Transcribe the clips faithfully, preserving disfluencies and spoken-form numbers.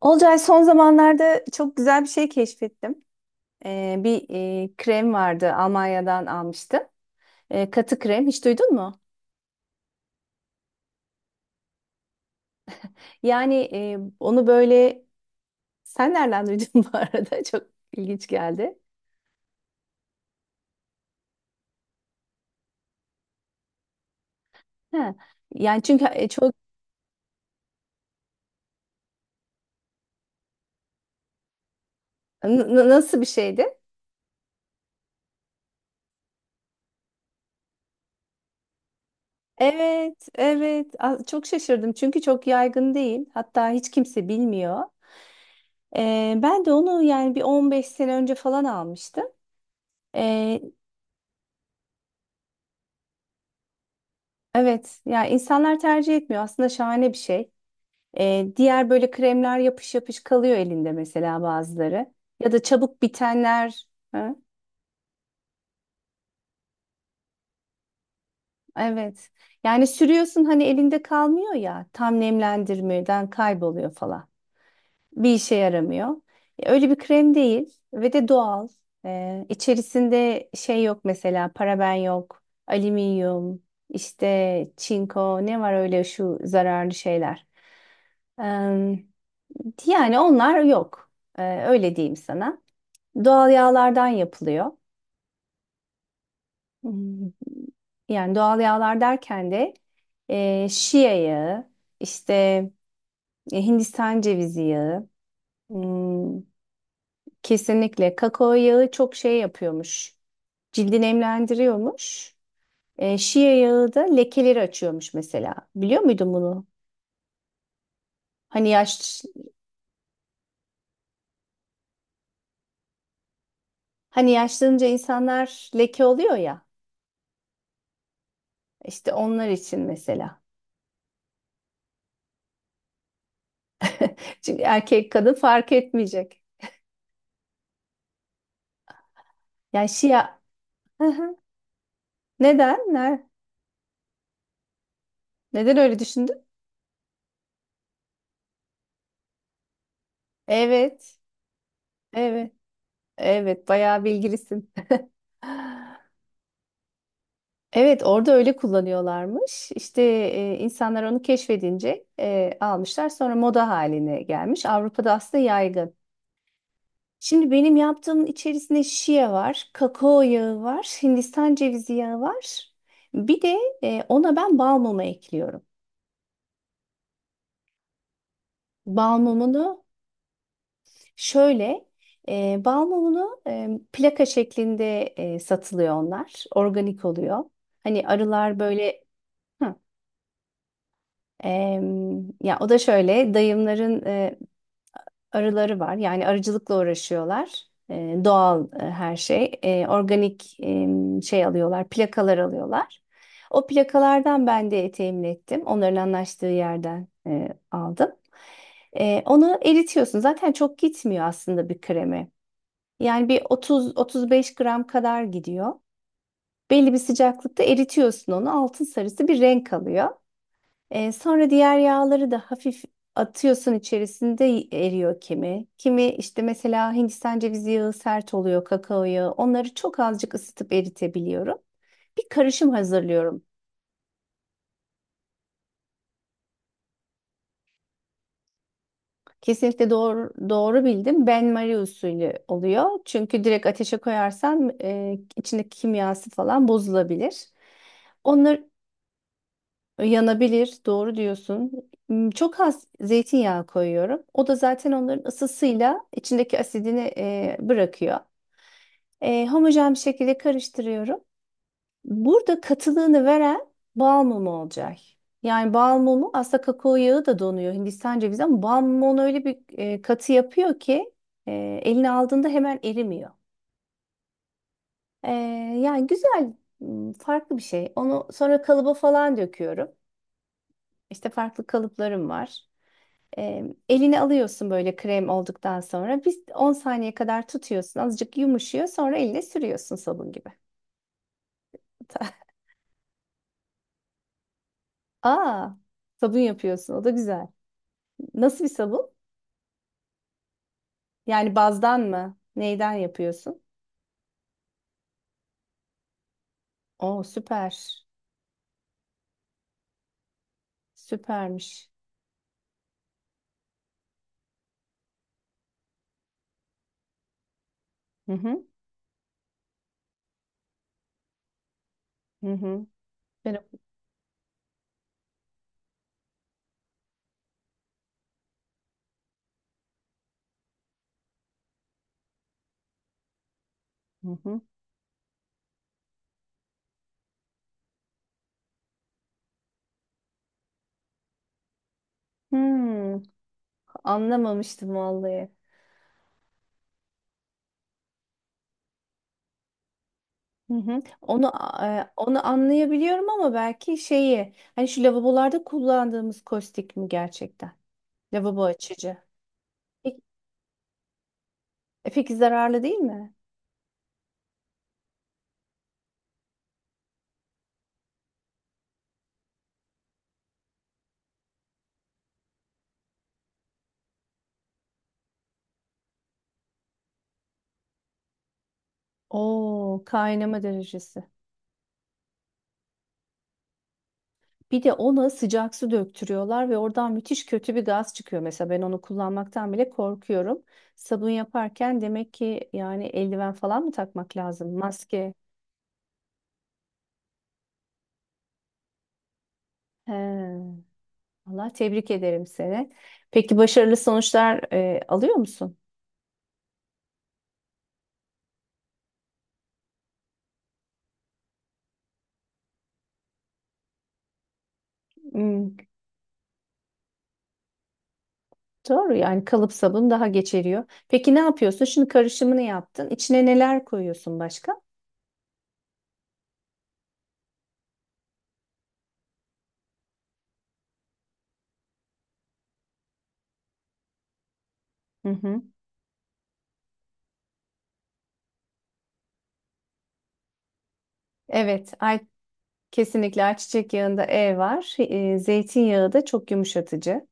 Olcay son zamanlarda çok güzel bir şey keşfettim. Ee, bir e, krem vardı Almanya'dan almıştım. Ee, katı krem hiç duydun mu? Yani, e, onu böyle sen nereden duydun bu arada? Çok ilginç geldi. Ha. Yani çünkü e, çok N- n- nasıl bir şeydi? Evet, evet. A- Çok şaşırdım çünkü çok yaygın değil. Hatta hiç kimse bilmiyor. Ee, ben de onu yani bir on beş sene önce falan almıştım. Ee, Evet, ya insanlar tercih etmiyor. Aslında şahane bir şey. Ee, diğer böyle kremler yapış yapış kalıyor elinde mesela bazıları. Ya da çabuk bitenler. Ha? Evet. Yani sürüyorsun hani elinde kalmıyor ya. Tam nemlendirmeden kayboluyor falan. Bir işe yaramıyor. E, Öyle bir krem değil ve de doğal. Ee, içerisinde şey yok mesela paraben yok, alüminyum, işte çinko ne var öyle şu zararlı şeyler. Yani onlar yok. Ee, öyle diyeyim sana. Doğal yağlardan yapılıyor. Hmm, Yani doğal yağlar derken de e, şia yağı, işte e, Hindistan cevizi yağı, hmm, kesinlikle kakao yağı çok şey yapıyormuş. Cildi nemlendiriyormuş. E, şia yağı da lekeleri açıyormuş mesela. Biliyor muydun bunu? Hani yaş Hani yaşlanınca insanlar leke oluyor ya. İşte onlar için mesela. Çünkü erkek kadın fark etmeyecek. Yani Şia. Hı hı. Neden? Ne- Neden öyle düşündün? Evet. Evet. Evet. Bayağı bilgilisin. Evet, orada öyle kullanıyorlarmış. İşte e, insanlar onu keşfedince e, almışlar. Sonra moda haline gelmiş. Avrupa'da aslında yaygın. Şimdi benim yaptığımın içerisinde şia var, kakao yağı var, Hindistan cevizi yağı var. Bir de e, ona ben bal mumu ekliyorum. Bal mumunu Şöyle, e, bal mumunu e, plaka şeklinde e, satılıyor onlar. Organik oluyor. Hani arılar böyle, hı, em, ya o da şöyle dayımların e, arıları var. Yani arıcılıkla uğraşıyorlar. E, doğal e, her şey. E, organik, em, şey alıyorlar, plakalar alıyorlar. O plakalardan ben de temin ettim. Onların anlaştığı yerden e, aldım. E, onu eritiyorsun. Zaten çok gitmiyor aslında bir kremi. Yani bir otuz otuz beş gram kadar gidiyor. Belli bir sıcaklıkta eritiyorsun onu. Altın sarısı bir renk alıyor. Ee, sonra diğer yağları da hafif atıyorsun, içerisinde eriyor kimi. Kimi işte mesela Hindistan cevizi yağı sert oluyor, kakao yağı. Onları çok azıcık ısıtıp eritebiliyorum. Bir karışım hazırlıyorum. Kesinlikle doğru, doğru bildim. Ben Marie usulü oluyor. Çünkü direkt ateşe koyarsan e, içindeki kimyası falan bozulabilir. Onlar Yanabilir, doğru diyorsun. Hmm, Çok az zeytinyağı koyuyorum. O da zaten onların ısısıyla içindeki asidini e, bırakıyor. E, homojen bir şekilde karıştırıyorum. Burada katılığını veren bal mumu olacak. Yani bal mumu aslında kakao yağı da donuyor, Hindistan cevizi, ama bal mumu onu öyle bir e, katı yapıyor ki e, eline aldığında hemen erimiyor. E, Yani güzel, hmm, farklı bir şey. Onu sonra kalıba falan döküyorum. İşte farklı kalıplarım var. E, Elini alıyorsun böyle krem olduktan sonra. Biz on saniye kadar tutuyorsun. Azıcık yumuşuyor. Sonra eline sürüyorsun sabun gibi. Aa, sabun yapıyorsun. O da güzel. Nasıl bir sabun? Yani bazdan mı? Neyden yapıyorsun? Oo, süper. Süpermiş. Hı hı. Hı hı. Ben Hı hı. Hmm, Anlamamıştım vallahi. Hı hı. Onu e, onu anlayabiliyorum ama belki şeyi hani şu lavabolarda kullandığımız kostik mi gerçekten? Lavabo açıcı. Peki, e, peki zararlı değil mi? Oo, kaynama derecesi. Bir de ona sıcak su döktürüyorlar ve oradan müthiş kötü bir gaz çıkıyor. Mesela ben onu kullanmaktan bile korkuyorum. Sabun yaparken demek ki yani eldiven falan mı takmak lazım? Maske. He, Allah tebrik ederim seni. Peki başarılı sonuçlar e, alıyor musun? Hmm. Doğru yani kalıp sabun daha geç eriyor. Peki ne yapıyorsun? Şimdi karışımını yaptın. İçine neler koyuyorsun başka? Hı hı. Evet, ay kesinlikle ayçiçek yağında E var. E, zeytinyağı da çok yumuşatıcı.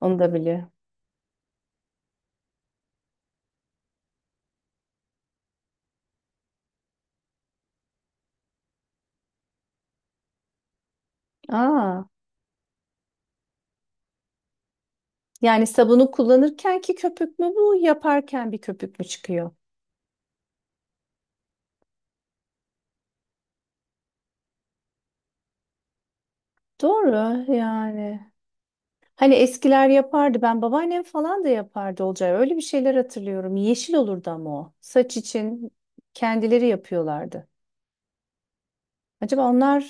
Onu da biliyorum. Aa, yani sabunu kullanırken ki köpük mü bu, yaparken bir köpük mü çıkıyor? Doğru yani. Hani eskiler yapardı. Ben babaannem falan da yapardı olacağı. Öyle bir şeyler hatırlıyorum. Yeşil olurdu ama o. Saç için kendileri yapıyorlardı. Acaba onlar...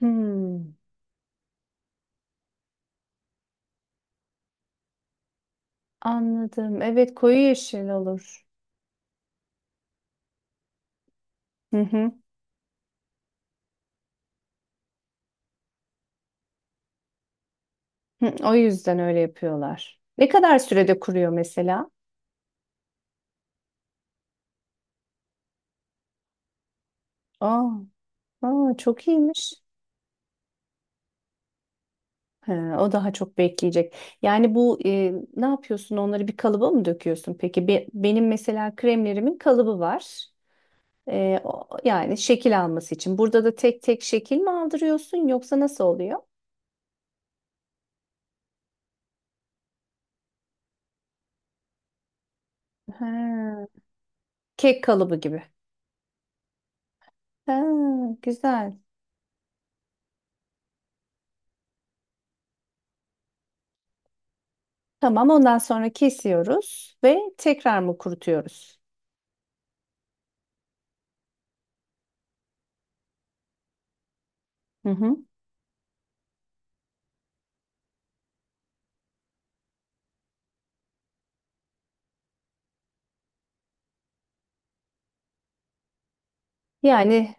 Hmm, Anladım. Evet, koyu yeşil olur. Hı hı. Hı, o yüzden öyle yapıyorlar. Ne kadar sürede kuruyor mesela? Aa, aa çok iyiymiş. He, o daha çok bekleyecek. Yani bu e, ne yapıyorsun? Onları bir kalıba mı döküyorsun? Peki Be- benim mesela kremlerimin kalıbı var. Ee, o- yani şekil alması için. Burada da tek tek şekil mi aldırıyorsun yoksa nasıl oluyor? Ha. Kek kalıbı gibi. Ha, güzel. Tamam, ondan sonra kesiyoruz ve tekrar mı kurutuyoruz? Hı hı. Yani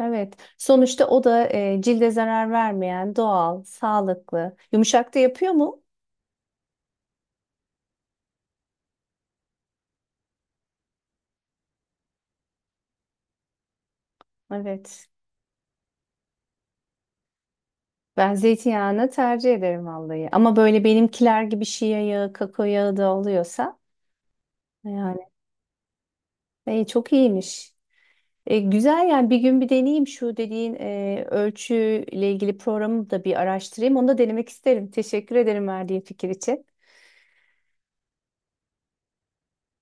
evet. Sonuçta o da e, cilde zarar vermeyen, doğal, sağlıklı. Yumuşak da yapıyor mu? Evet. Ben zeytinyağını tercih ederim vallahi. Ama böyle benimkiler gibi şia yağı, kakao yağı da oluyorsa yani, e, çok iyiymiş. E, güzel, yani bir gün bir deneyeyim, şu dediğin e, ölçüyle ilgili programı da bir araştırayım. Onu da denemek isterim. Teşekkür ederim verdiğin fikir için.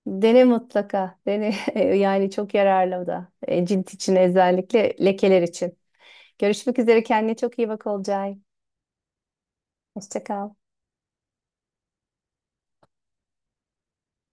Dene mutlaka. Dene yani çok yararlı o da. E, cilt için, özellikle lekeler için. Görüşmek üzere, kendine çok iyi bak Olcay. Hoşça kal.